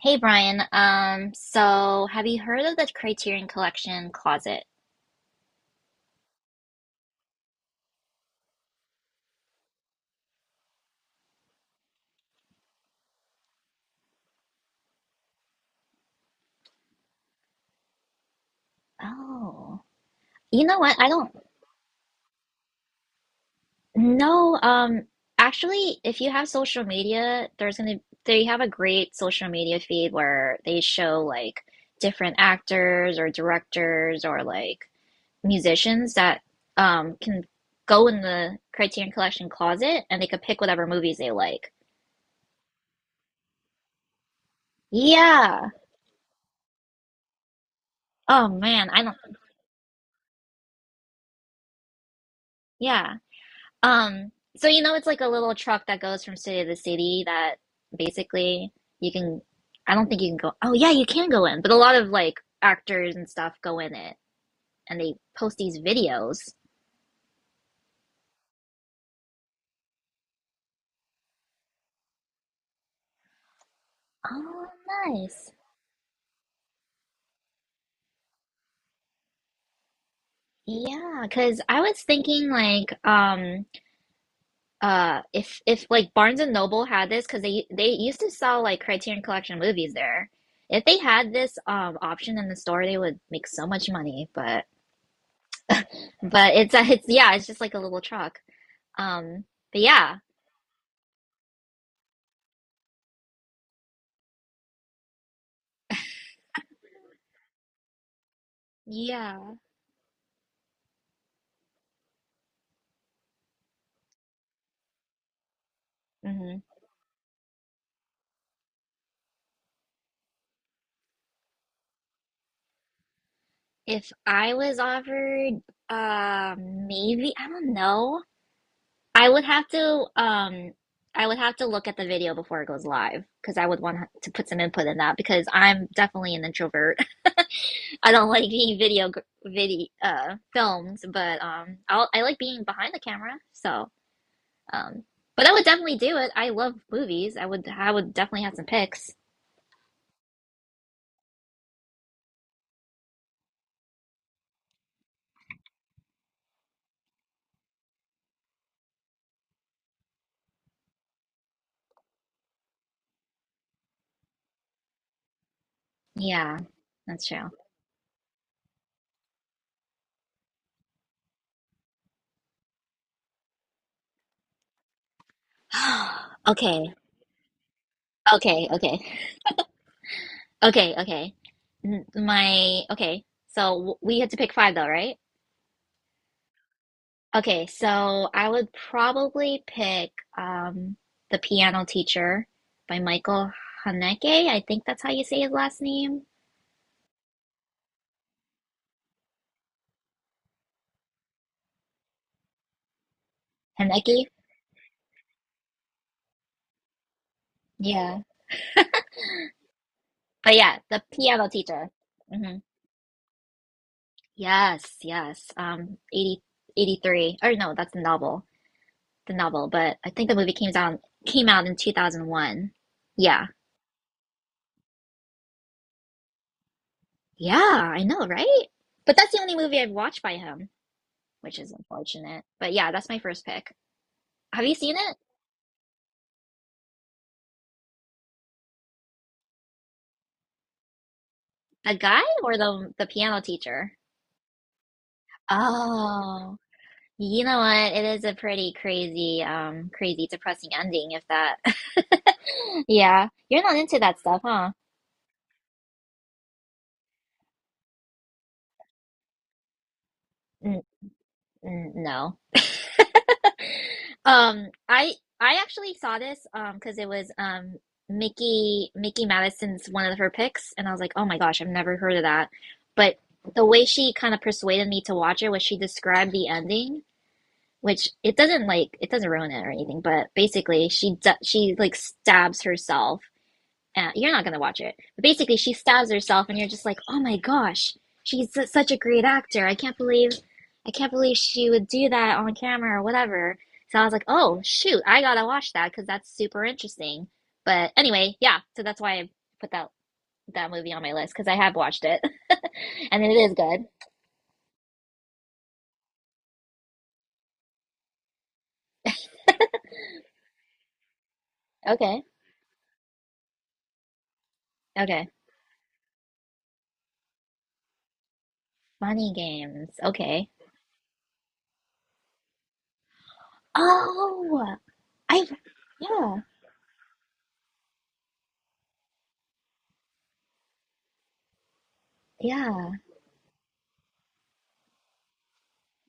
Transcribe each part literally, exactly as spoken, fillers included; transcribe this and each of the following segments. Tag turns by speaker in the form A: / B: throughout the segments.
A: Hey Brian, um, so have you heard of the Criterion Collection Closet? Oh, you know what? I don't know. Um, actually, if you have social media, there's gonna they have a great social media feed where they show like different actors or directors or like musicians that um can go in the Criterion Collection Closet and they could pick whatever movies they like. Yeah. Oh man, I don't. Yeah. Um, so you know, it's like a little truck that goes from city to city that basically you can, I don't think you can go, oh yeah, you can go in, but a lot of like actors and stuff go in it and they post these videos. Oh, nice. Yeah, because I was thinking like um uh if if like Barnes and Noble had this because they they used to sell like Criterion Collection movies there. If they had this um option in the store, they would make so much money. But but it's a, it's yeah, it's just like a little truck. Um, but yeah. Yeah. Hmm. If I was offered, uh, maybe, I don't know. I would have to, um, I would have to look at the video before it goes live because I would want to put some input in that because I'm definitely an introvert. I don't like being video, video, uh, filmed, but, um, I'll, I like being behind the camera. So, um, but I would definitely do it. I love movies. I would, I would definitely have some picks. Yeah, that's true. Okay. Okay, okay, okay, okay. N- My okay. So w- we had to pick five though, right? Okay, so I would probably pick um The Piano Teacher by Michael Haneke. I think that's how you say his last name. Haneke? Yeah. But yeah, The Piano Teacher. Hmm. Yes, yes. Um eighty, eighty-three. Or no, that's the novel. The novel, but I think the movie came down. Came out in two thousand one. Yeah. Yeah, I know, right? But that's the only movie I've watched by him, which is unfortunate. But yeah, that's my first pick. Have you seen it? The guy or the the piano teacher? Oh, you know what? It is a pretty crazy, um, crazy, depressing ending if that. Yeah, you're not into that stuff, huh? N n- no. Um, I I actually saw this um because it was um Mickey Mickey Madison's one of her picks, and I was like, oh my gosh, I've never heard of that. But the way she kind of persuaded me to watch it was she described the ending, which it doesn't like it doesn't ruin it or anything, but basically she she like stabs herself uh, you're not gonna watch it. But basically, she stabs herself, and you're just like, oh my gosh, she's such a great actor. I can't believe, I can't believe she would do that on camera or whatever. So I was like, oh shoot, I gotta watch that because that's super interesting. But anyway, yeah. So that's why I put that that movie on my list because I have watched it, and it is good. Okay, okay. Money Games. Okay. Oh, I yeah yeah.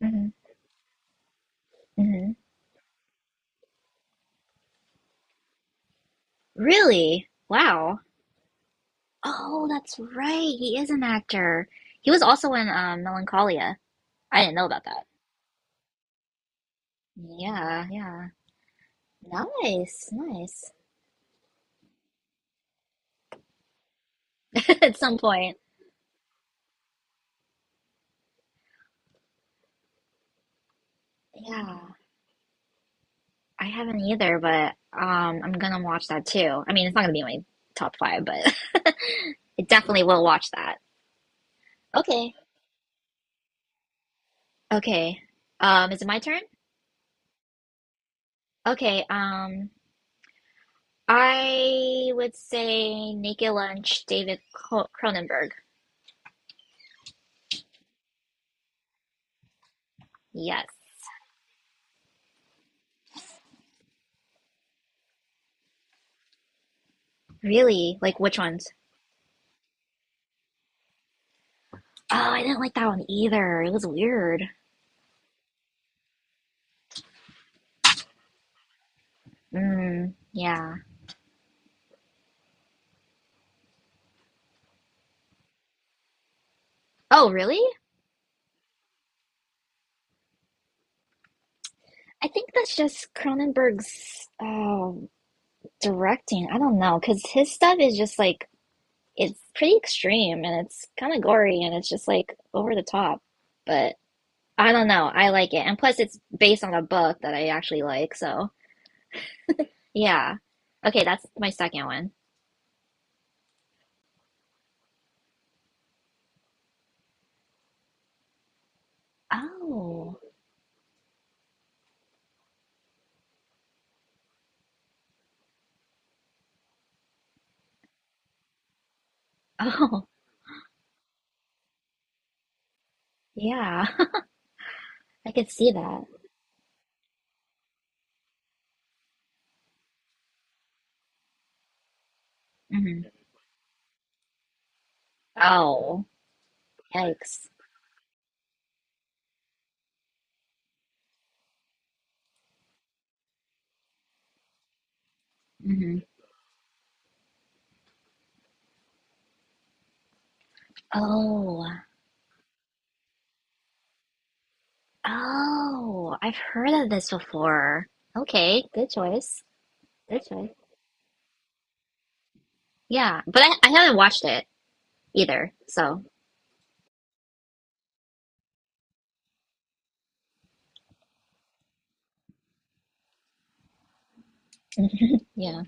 A: hmm hmm. Really? Wow. Oh, that's right. He is an actor. He was also in um, Melancholia. I didn't know about that. Yeah, yeah. Nice, nice. At some point. Yeah. I haven't either, but um, I'm gonna watch that too. I mean, it's not gonna be in my top five, but it definitely will watch that. Okay. Okay. Um, is it my turn? Okay. Um, I would say Naked Lunch, David Cro- Cronenberg. Yes. Really? Like which ones? Oh, I didn't like that one either. It was weird. Mm, yeah. Oh, really? I think that's just Cronenberg's Oh, directing. I don't know, because his stuff is just like it's pretty extreme and it's kind of gory and it's just like over the top. But I don't know. I like it, and plus it's based on a book that I actually like. So yeah. Okay, that's my second one. Oh, oh, yeah. I could see that. Hmm. Oh, yikes. Hmm. Oh, oh, I've heard of this before. Okay, good choice. Good choice. Yeah, but I, I haven't watched it either, so yeah.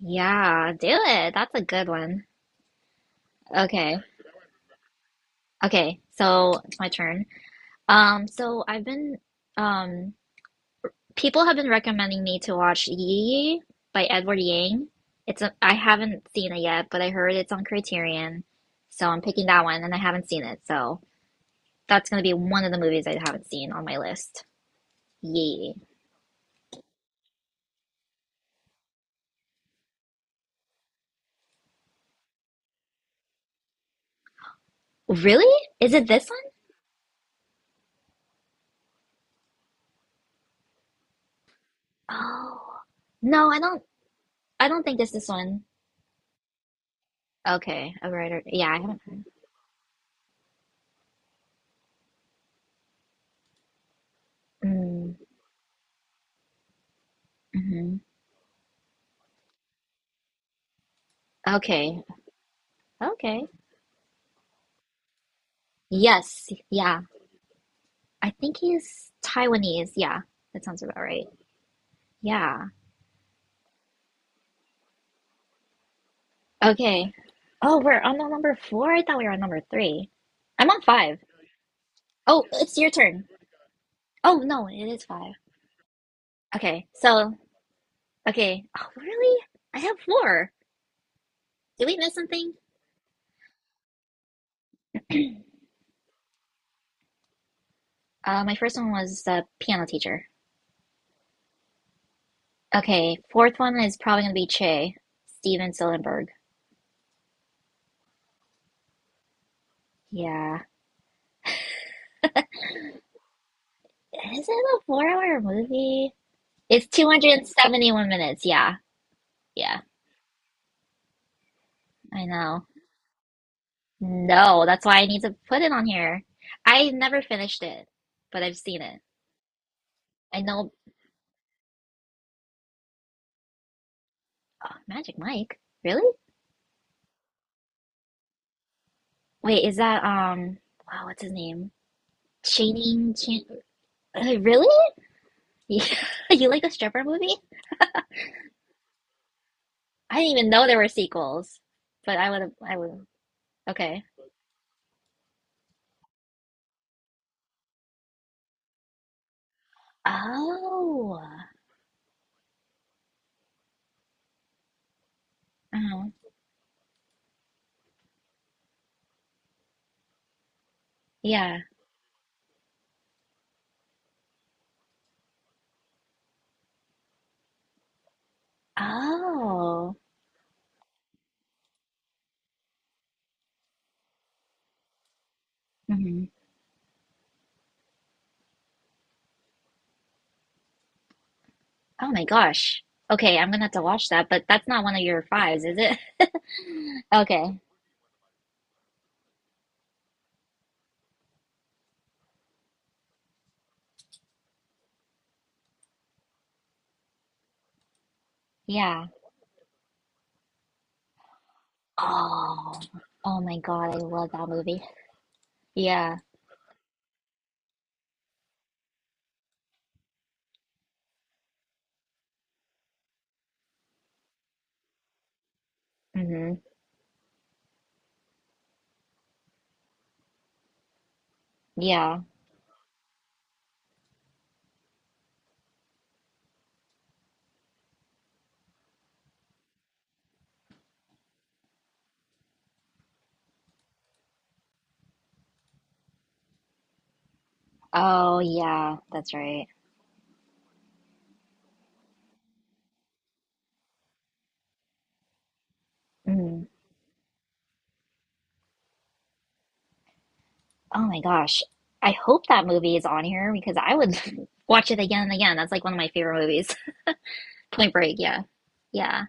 A: Yeah, do it. That's a good one. Okay. Okay, so it's my turn. Um, so I've been um people have been recommending me to watch Yi by Edward Yang. It's a, I haven't seen it yet, but I heard it's on Criterion. So I'm picking that one and I haven't seen it, so that's gonna be one of the movies I haven't seen on my list. Yeah. Really? Is it this one? Oh. No, I don't I don't think it's this one. Okay. A writer. Yeah, I haven't. Mm, hmm. Okay. Okay. Yes. Yeah. I think he's Taiwanese. Yeah. That sounds about right. Yeah. Okay. Oh, we're on the number four? I thought we were on number three. I'm on five. Oh, it's your turn. Oh, no, it is five. Okay. So, okay. Oh, really? I have four. Did we miss something? Uh, my first one was the piano teacher. Okay, fourth one is probably gonna be Che, Steven Soderbergh. Yeah. Is it a four hour movie? It's two hundred seventy-one minutes. Yeah. Yeah, I know. No, that's why I need to put it on here. I never finished it, but I've seen it. I know oh, Magic Mike. Really? Wait, is that um wow, what's his name? Channing Chan uh, really? Yeah. You like a stripper movie? I didn't even know there were sequels, but I would have, I would, okay. Oh, uh-huh. Yeah. Oh, hmm. Oh my gosh. Okay, I'm gonna have to watch that, but that's not one of your fives, is it? Okay. Yeah. Oh, oh my God, I love that movie. Yeah. Hmm. Yeah. Oh, yeah, that's right. Mm. Oh my gosh. I hope that movie is on here because I would watch it again and again. That's like one of my favorite movies. Point Break, yeah. Yeah.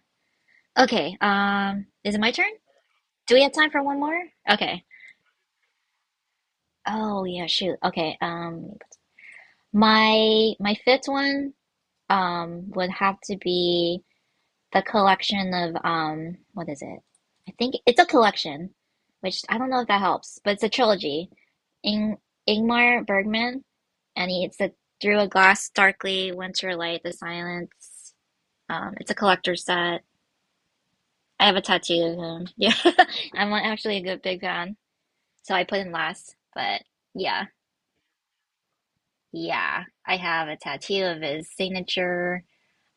A: Okay, um, is it my turn? Do we have time for one more? Okay. Oh yeah, shoot. Okay. Um, my my fifth one um would have to be the collection of um what is it? I think it's a collection, which I don't know if that helps, but it's a trilogy. Ing Ingmar Bergman, and he, it's a Through a Glass, Darkly, Winter Light, The Silence. Um, it's a collector's set. I have a tattoo of him. Yeah. I'm not actually a good big fan. So I put him last. But yeah. Yeah. I have a tattoo of his signature.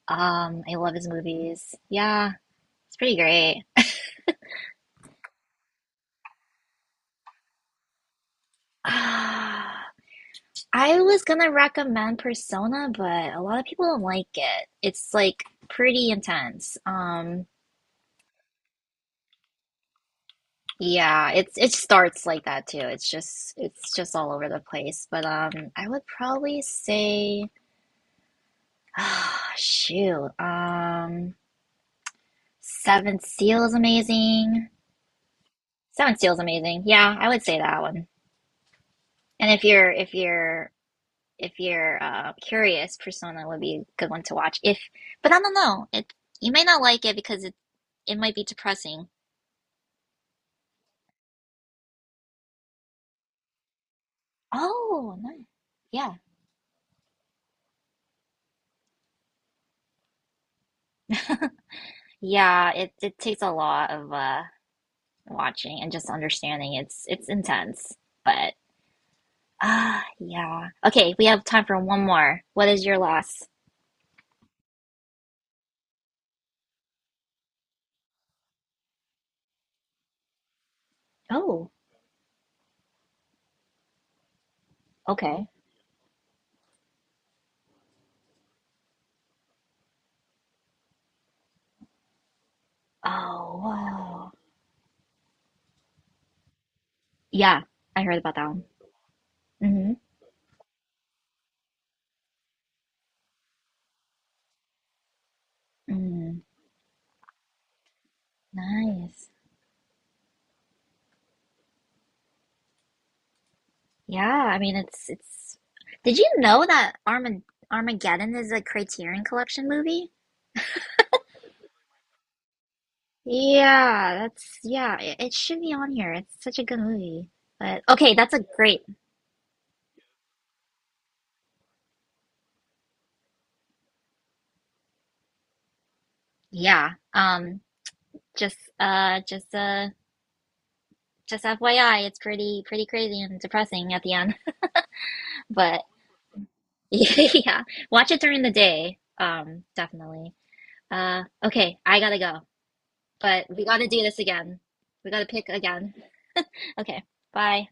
A: Um, I love his movies. Yeah. It's pretty great. I was gonna recommend Persona, but a lot of people don't like it. It's like pretty intense. Um, yeah, it's it starts like that too. It's just it's just all over the place. But um, I would probably say ah, shoot. Um, Seven Seal is amazing. Seven Seal is amazing. Yeah, I would say that one. And if you're if you're if you're uh, curious, Persona would be a good one to watch. If, but I don't know. It you may not like it because it it might be depressing. Oh, nice. Yeah, yeah. It it takes a lot of uh watching and just understanding. It's it's intense, but ah, yeah. Okay, we have time for one more. What is your last? Oh. Okay. Oh, wow. Yeah, I heard about that one. Hmm. Mm, nice. Yeah, I mean it's it's did you know that Armag Armageddon is a Criterion Collection movie? Yeah, that's yeah, it, it should be on here. It's such a good movie. But okay, that's a great. Yeah. Um just uh just uh just F Y I, it's pretty pretty crazy and depressing at the end. But yeah, watch it during the day. Um definitely. Uh, okay, I gotta go, but we gotta do this again. We gotta pick again. Okay, bye.